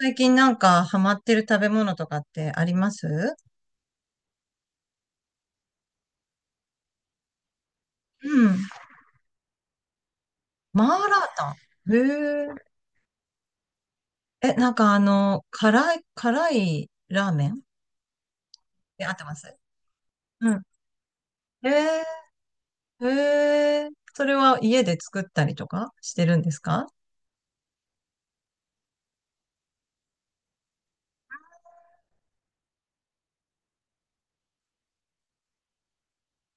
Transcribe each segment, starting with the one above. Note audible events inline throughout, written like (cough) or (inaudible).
最近なんかハマってる食べ物とかってあります？うん。マーラータン。へえ。え、なんかあの、辛い、辛いラーメンで合ってます？うん。へえ。へえ。それは家で作ったりとかしてるんですか？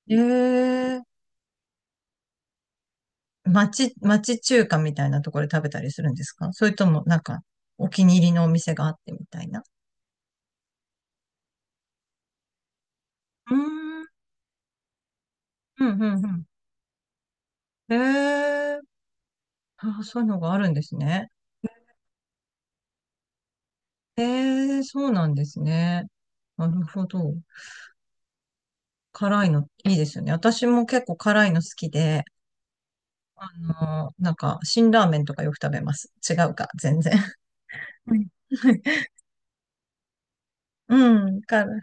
へえ。町中華みたいなところで食べたりするんですか？それともなんかお気に入りのお店があってみたいな。うーん。うん、うん、うん。へえ。あ、そういうのがあるんですね。ええ、そうなんですね。なるほど。辛いのいいですよね。私も結構辛いの好きで、あの、なんか、辛ラーメンとかよく食べます。違うか、全然。うん (laughs) うん、から、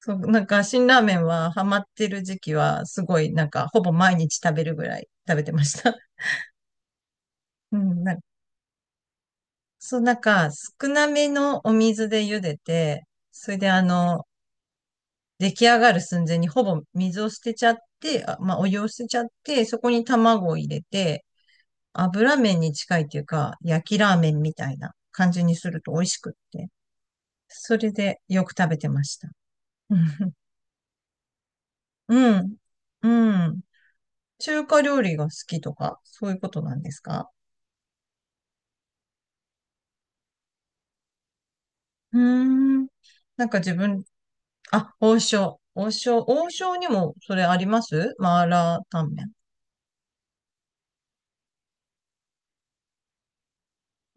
そう、なんか、辛ラーメンはハマってる時期は、すごい、なんか、ほぼ毎日食べるぐらい食べてました。(laughs) うん、なんか、そう、なんか、少なめのお水で茹でて、それであの、出来上がる寸前にほぼ水を捨てちゃって、あ、まあ、お湯を捨てちゃって、そこに卵を入れて、油麺に近いというか、焼きラーメンみたいな感じにすると美味しくって。それでよく食べてました。(laughs) うん。うん。中華料理が好きとか、そういうことなんですか？うーん。なんか自分、あ、王将。王将。王将にもそれあります？マーラータンメン。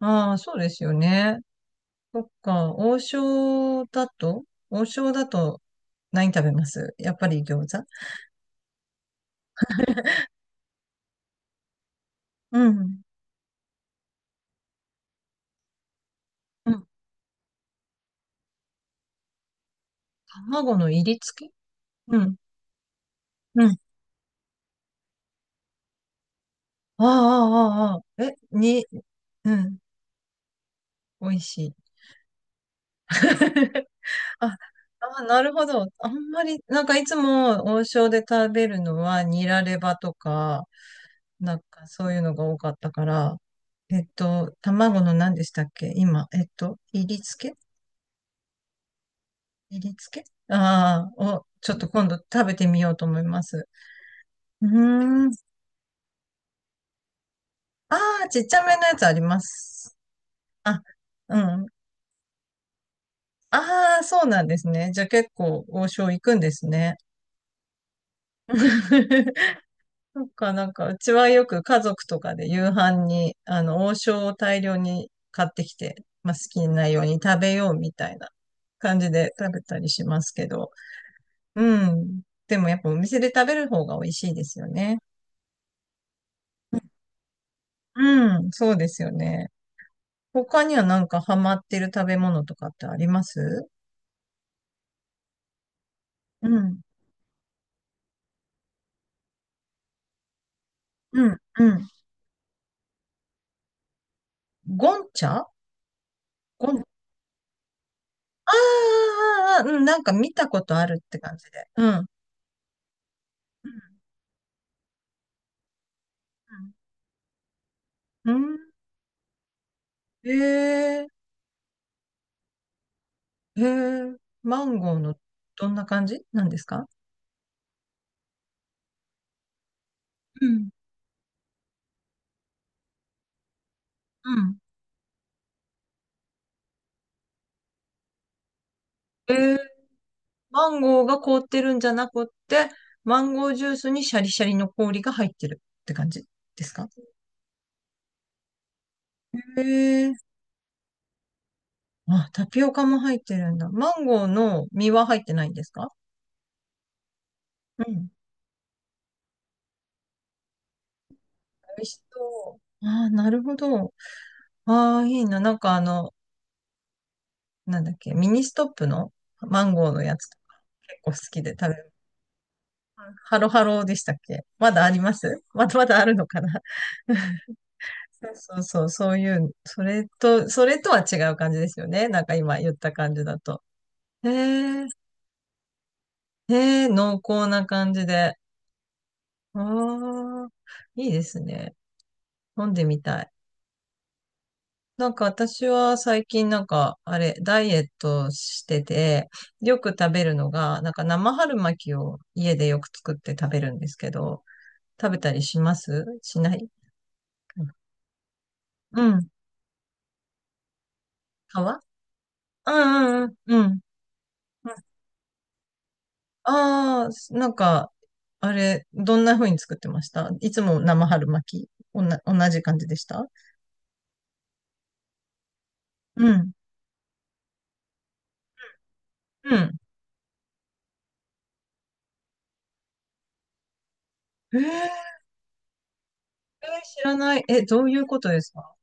ああ、そうですよね。そっか、王将だと何食べます？やっぱり餃子？うん。うん。卵の入り付け？うん。うん。ああ、ああ、ああ。え、に、うん。美味しい。(laughs) あ、あ、なるほど。あんまり、なんかいつも王将で食べるのはニラレバとか、なんかそういうのが多かったから、えっと、卵の何でしたっけ今、えっと、入り付け、練りつけ、ああー、を、ちょっと今度食べてみようと思います。うーん。ああ、ちっちゃめのやつあります。あ、うん。ああ、そうなんですね。じゃあ結構王将行くんですね。(laughs) なんか、なんか、うちはよく家族とかで夕飯に、あの、王将を大量に買ってきて、まあ、好きなように食べようみたいな感じで食べたりしますけど、うん。でもやっぱお店で食べる方が美味しいですよね。うん、そうですよね。他にはなんかハマってる食べ物とかってあります？うん、うん、うん。ゴンチャ、あーあー、あーうん、なんか見たことあるって感じで。うん。うん。うん。うん、えー、えー、マンゴーの、どんな感じなんですか？うん。うん。えー、マンゴーが凍ってるんじゃなくって、マンゴージュースにシャリシャリの氷が入ってるって感じですか？え、あ、タピオカも入ってるんだ。マンゴーの実は入ってないんですか？うん。美味しそう。ああ、なるほど。ああ、いいな。なんかあの、なんだっけ、ミニストップのマンゴーのやつとか、結構好きで食べる。ハロハロでしたっけ？まだあります？まだまだあるのかな。 (laughs) そうそうそう、そういう、それと、それとは違う感じですよね。なんか今言った感じだと。へえ、へえ、濃厚な感じで。ああ、いいですね。飲んでみたい。なんか私は最近なんか、あれ、ダイエットしてて、よく食べるのが、なんか生春巻きを家でよく作って食べるんですけど、食べたりします？しない？うん。皮？うんうんうん。うん。ああー、なんか、あれ、どんな風に作ってました？いつも生春巻き、同じ感じでした？うん。うん。えー、えー知らない。え、どういうことですか？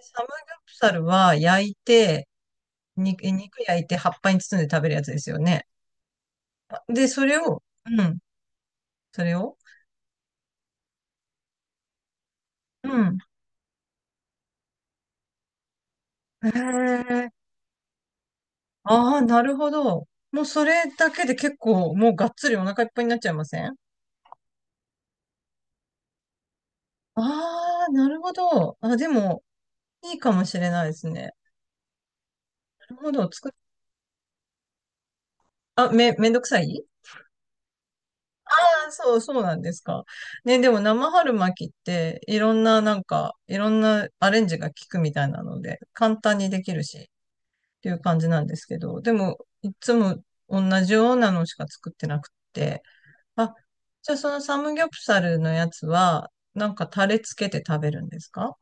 サムギョプサルは焼いて、肉焼いて葉っぱに包んで食べるやつですよね。で、それを、うん、それを、うん。へえ。ああ、なるほど。もうそれだけで結構、もうがっつりお腹いっぱいになっちゃいません？ああ、なるほど。あ、でも、いいかもしれないですね。なるほど。あ、めんどくさい？ああ、そう、そうなんですか。ね、でも生春巻きって、いろんな、なんか、いろんなアレンジが効くみたいなので、簡単にできるし、ていう感じなんですけど、でも、いつも同じようなのしか作ってなくて、あ、じゃあそのサムギョプサルのやつは、なんかタレつけて食べるんですか？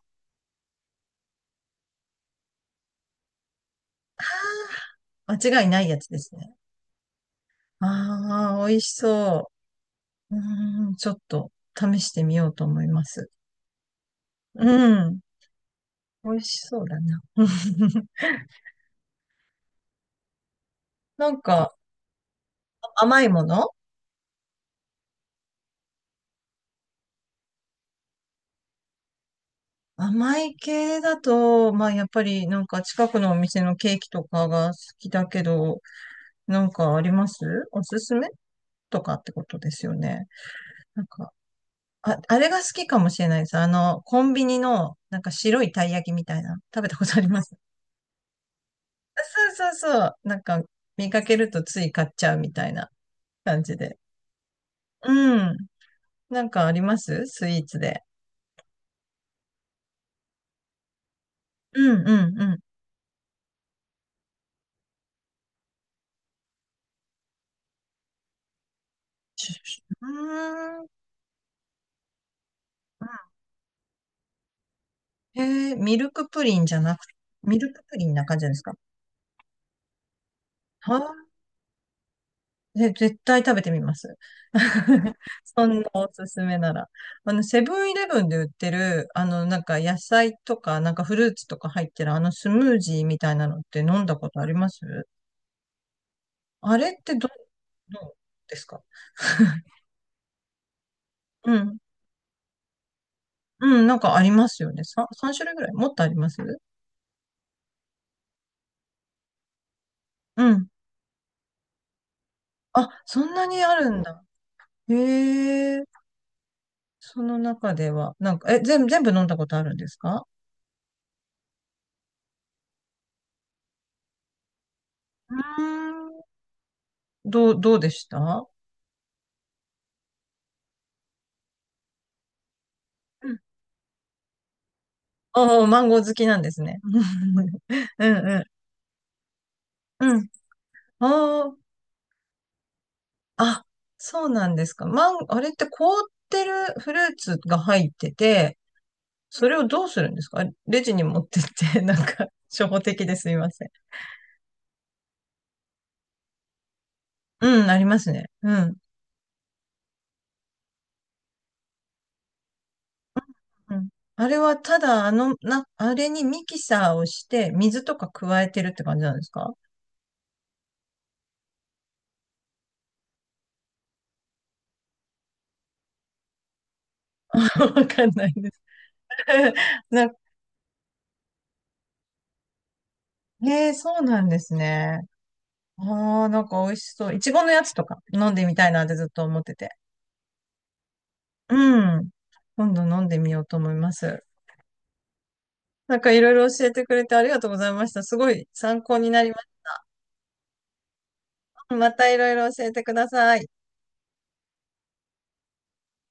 あー、間違いないやつですね。ああ、美味しそう。うーん、ちょっと試してみようと思います。うん、美味しそうだな。(laughs) なんか甘いもの、甘い系だと、まあやっぱりなんか近くのお店のケーキとかが好きだけど、なんかあります？おすすめとかってことですよね。なんか、あ、あれが好きかもしれないです。あの、コンビニの、なんか白いたい焼きみたいな。食べたことあります？あそうそうそう。なんか、見かけるとつい買っちゃうみたいな感じで。うん。なんかあります？スイーツで。うんうんうん。シュシュシュ、うーん。へえ、ミルクプリンじゃなく、ミルクプリンな感じですか？は絶対食べてみます。(laughs) そんなおすすめなら。あの、セブンイレブンで売ってる、あの、なんか野菜とか、なんかフルーツとか入ってる、あのスムージーみたいなのって飲んだことあります？あれってどうですか？うん。うん、なんかありますよね。3、三種類ぐらい？もっとあります？うん。あ、そんなにあるんだ。へえ。その中では、なんか、え、全部飲んだことあるんですか？うーん。どうでした？おー、マンゴー好きなんですね。(laughs) うんうん。うん。おー、あ、そうなんですか。あれって凍ってるフルーツが入ってて、それをどうするんですか？レジに持ってって、(laughs) なんか、初歩的ですいません。うん、ありますね。うん。うん。あれはただ、あの、あれにミキサーをして、水とか加えてるって感じなんですか？ (laughs) わかんないです。(laughs) な、へえー、そうなんですね。ああ、なんか美味しそう。いちごのやつとか飲んでみたいなってずっと思ってて。うん。今度飲んでみようと思います。なんかいろい